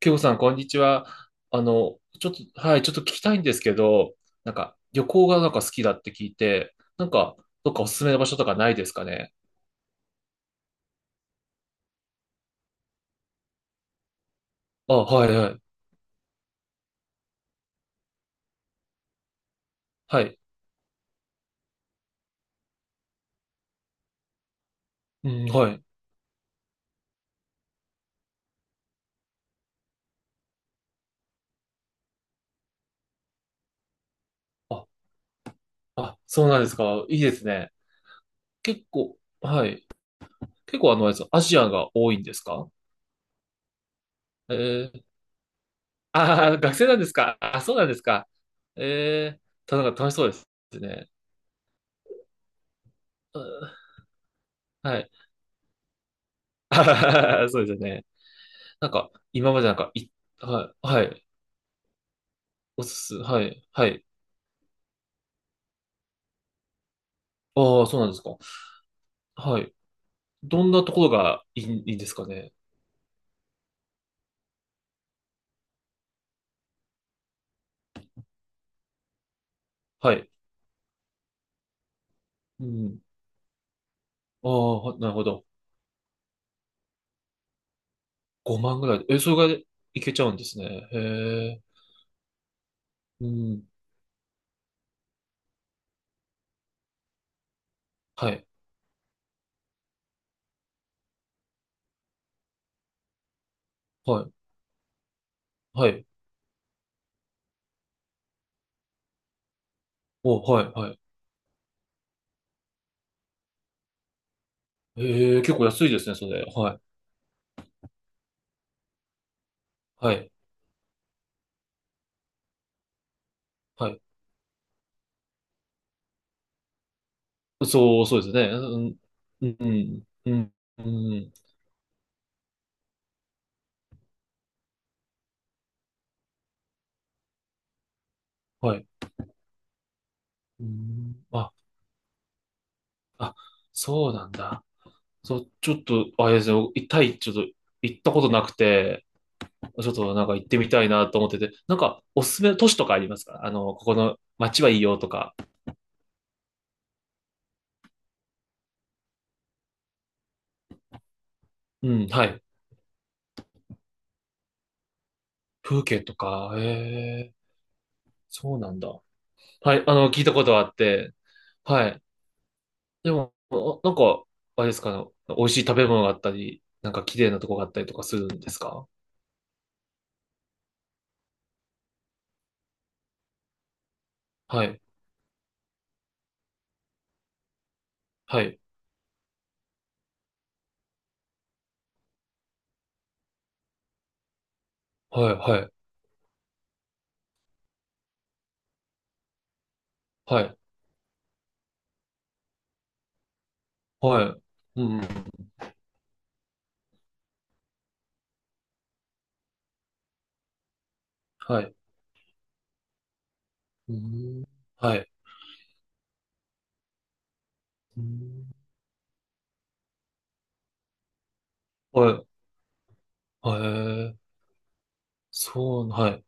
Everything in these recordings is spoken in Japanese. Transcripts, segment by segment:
ケイコさん、こんにちは。ちょっと、はい、ちょっと聞きたいんですけど、なんか、旅行がなんか好きだって聞いて、なんか、どっかおすすめの場所とかないですかね？あ、はい、はい。はい。うん、はい。あ、あ、そうなんですか。いいですね。結構、はい。結構、あれです、アジアが多いんですか？えー、学生なんですかあ、そうなんですか。えー、なんか楽しそうですね。うん、はい。あははは、そうですよね。なんか、今までなんか、はい、はい。おすす、はい、はい。ああ、そうなんですか。はい。どんなところがいいんですかね。はい。うん。ああ、なるほど。5万ぐらい。え、それがいけちゃうんですね。へえ。うん。はい。はい。はい。お、はい、はい。ええ、結構安いですね、それ。はい。はい。はい。そう、そうですね。うん。うん。うん。うん。はい。うん。あ、あ、そうなんだ。そう、ちょっと、あれですね。タイ、ちょっと行ったことなくて、ちょっとなんか行ってみたいなと思ってて、なんかおすすめの都市とかありますか？ここの街はいいよとか。うん、はい。風景とか、ええ、そうなんだ。はい、聞いたことはあって、はい。でも、なんか、あれですかね、美味しい食べ物があったり、なんか綺麗なとこがあったりとかするんですか？はい、はい、はい、はい、はい、はい、うん、うん、はい、うん、はい、うん、はい、はい、そう、はい、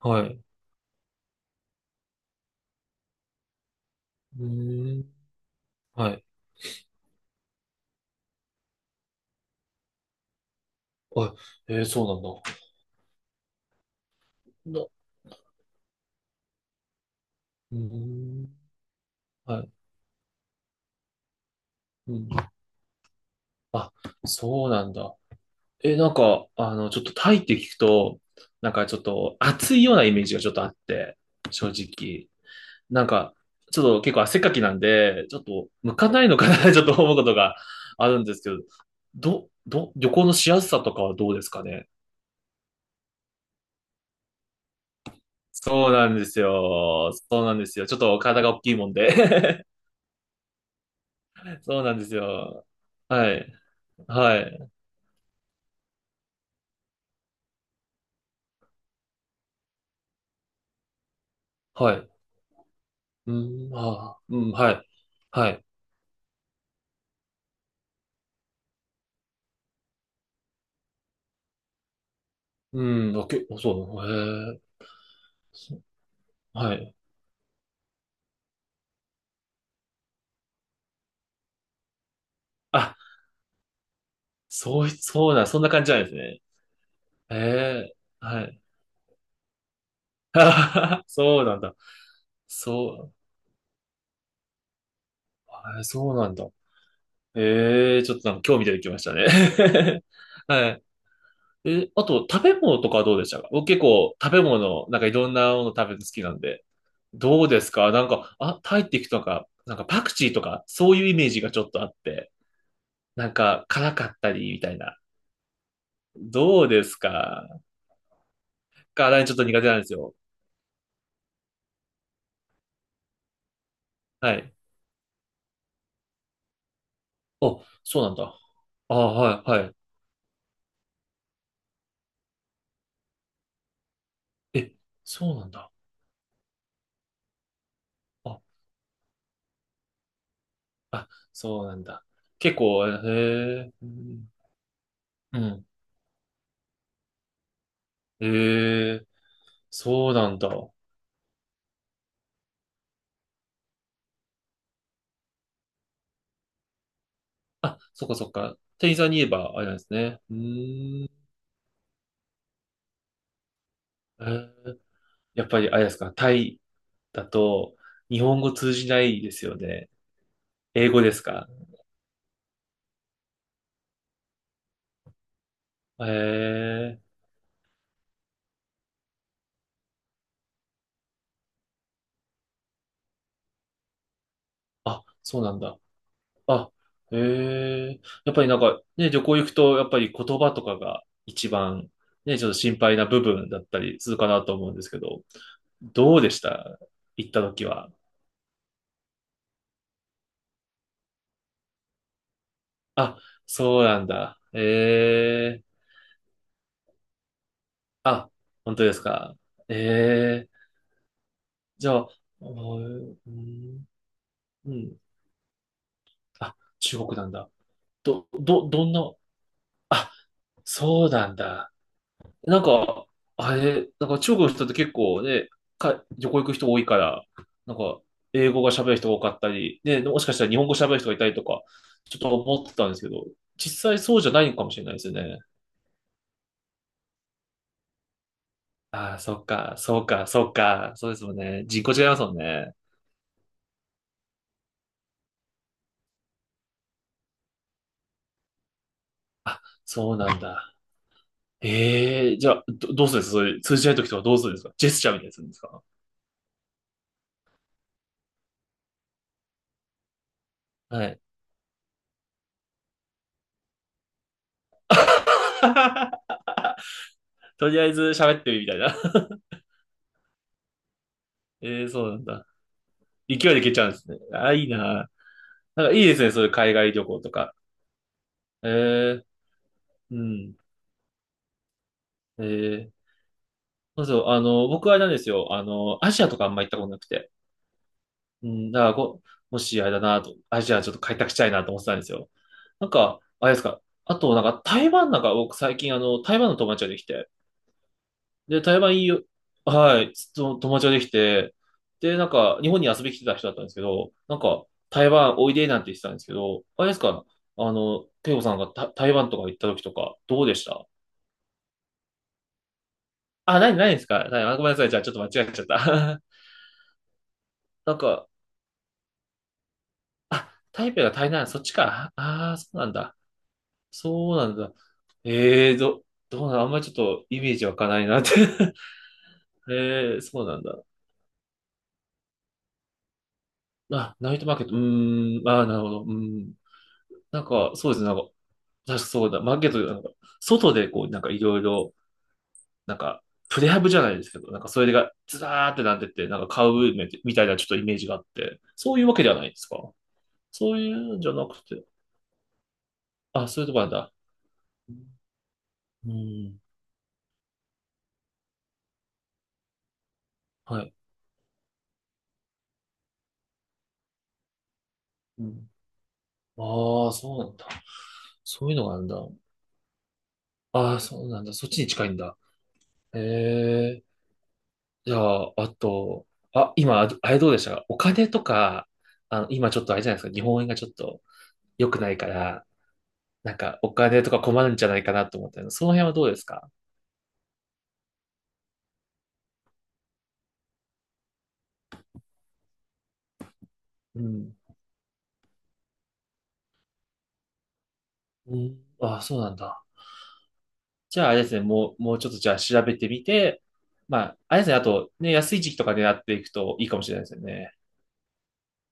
はい、うん、はい。あ、そうなんだ。うーん。はい。うん。あ、そうなんだ。え、なんか、ちょっとタイって聞くと、なんかちょっと暑いようなイメージがちょっとあって、正直。なんか、ちょっと結構汗っかきなんで、ちょっと向かないのかな ちょっと思うことがあるんですけど、旅行のしやすさとかはどうですかね？そうなんですよ。そうなんですよ。ちょっと体が大きいもんで そうなんですよ。はい。はい。はい。うん、ああ、うん、はい。はい。うん、あ、そう、へえ、そはい。あ、そうい、そうだ、そんな感じなんですね。へえ、はい。あはは、そうなんだ。そう、え、そうなんだ。ええ、ちょっとなんか興味出てきましたね。はい。え、あと、食べ物とかはどうでしたか？僕結構食べ物、なんかいろんなもの食べるの好きなんで。どうですか？なんか、あ、タイっていくとか、なんかパクチーとか、そういうイメージがちょっとあって。なんか、辛かったり、みたいな。どうですか？辛いのちょっと苦手なんですよ。はい。お、そうなんだ。あ、はい、はい。え、そうなんだ。あ、あ、そうなんだ。結構、へえ、うん。うん、へえ、そうなんだ。あ、そっかそっか。店員さんに言えば、あれなんですね。うーん。えーやっぱり、あれですか。タイだと、日本語通じないですよね？英語ですか？へえー、あ、そうなんだ。あ、へえ。やっぱりなんか、ね、旅行行くと、やっぱり言葉とかが一番、ね、ちょっと心配な部分だったりするかなと思うんですけど、どうでした、行った時は？あ、そうなんだ。ええ。あ、本当ですか？ええ。じゃあ、おー、うん、うん。あ、中国なんだ。どんな、あ、そうなんだ。なんか、あれ、なんか中国の人って結構ね、旅行行く人多いから、なんか、英語が喋る人が多かったり、ね、もしかしたら日本語喋る人がいたりとか、ちょっと思ってたんですけど、実際そうじゃないのかもしれないですよね。ああ、そっか、そうか、そうか、そうですもんね。人口違いますもんね。あ、そうなんだ。ええ、じゃあ、どうするんですか？それ通じない時とかどうするんですか？ジェスチャーみたいにするんですか？はい。とりあえず喋ってみるみたいな。ええ、そうなんだ。勢いでいけちゃうんですね。ああ、いいな。なんかいいですね、そういう海外旅行とか。ええ、うん。ええ。そうそう、僕はあれなんですよ。アジアとかあんま行ったことなくて。うん、だからもしあれだなと、アジアちょっと開拓したいなと思ってたんですよ。なんか、あれですか。あと、なんか台湾、なんか僕最近台湾の友達ができて。で、台湾いいよ、はい、と友達ができて。で、なんか、日本に遊びに来てた人だったんですけど、なんか、台湾おいでなんて言ってたんですけど、あれですか。ケイコさんがた台湾とか行った時とか、どうでした？あ、ないですか、ないあごめんなさい。じゃあ、ちょっと間違えちゃった。なんか、あ、台北が台南、そっちか。ああ、そうなんだ。そうなんだ。ええー、どうなん、あんまりちょっとイメージ湧かないなって ええー、そうなんだ。あ、ナイトマーケット、うーん、ああ、なるほど。うーん。なんか、そうですね。なんか、確かそうだ。マーケット、なんか、外でこう、なんかいろいろ、なんか、プレハブじゃないですけど、なんかそれがずらーってなってて、なんか買うみたいなちょっとイメージがあって、そういうわけではないですか？そういうんじゃなくて。あ、そういうとこなんだ。うん。はい。うん。ああ、そうなんだ。そういうのがあるんだ。ああ、そうなんだ。そっちに近いんだ。へえ。じゃあ、あと、あ、今、あ、あれどうでした、お金とか？今ちょっとあれじゃないですか。日本円がちょっと良くないから、なんかお金とか困るんじゃないかなと思ったけど、その辺はどうですか？うん。うん。ああ、そうなんだ。じゃあ、あれですね。もう、もうちょっとじゃあ調べてみて、まあ、あれですね。あと、ね、安い時期とか狙っていくといいかもしれないですよね。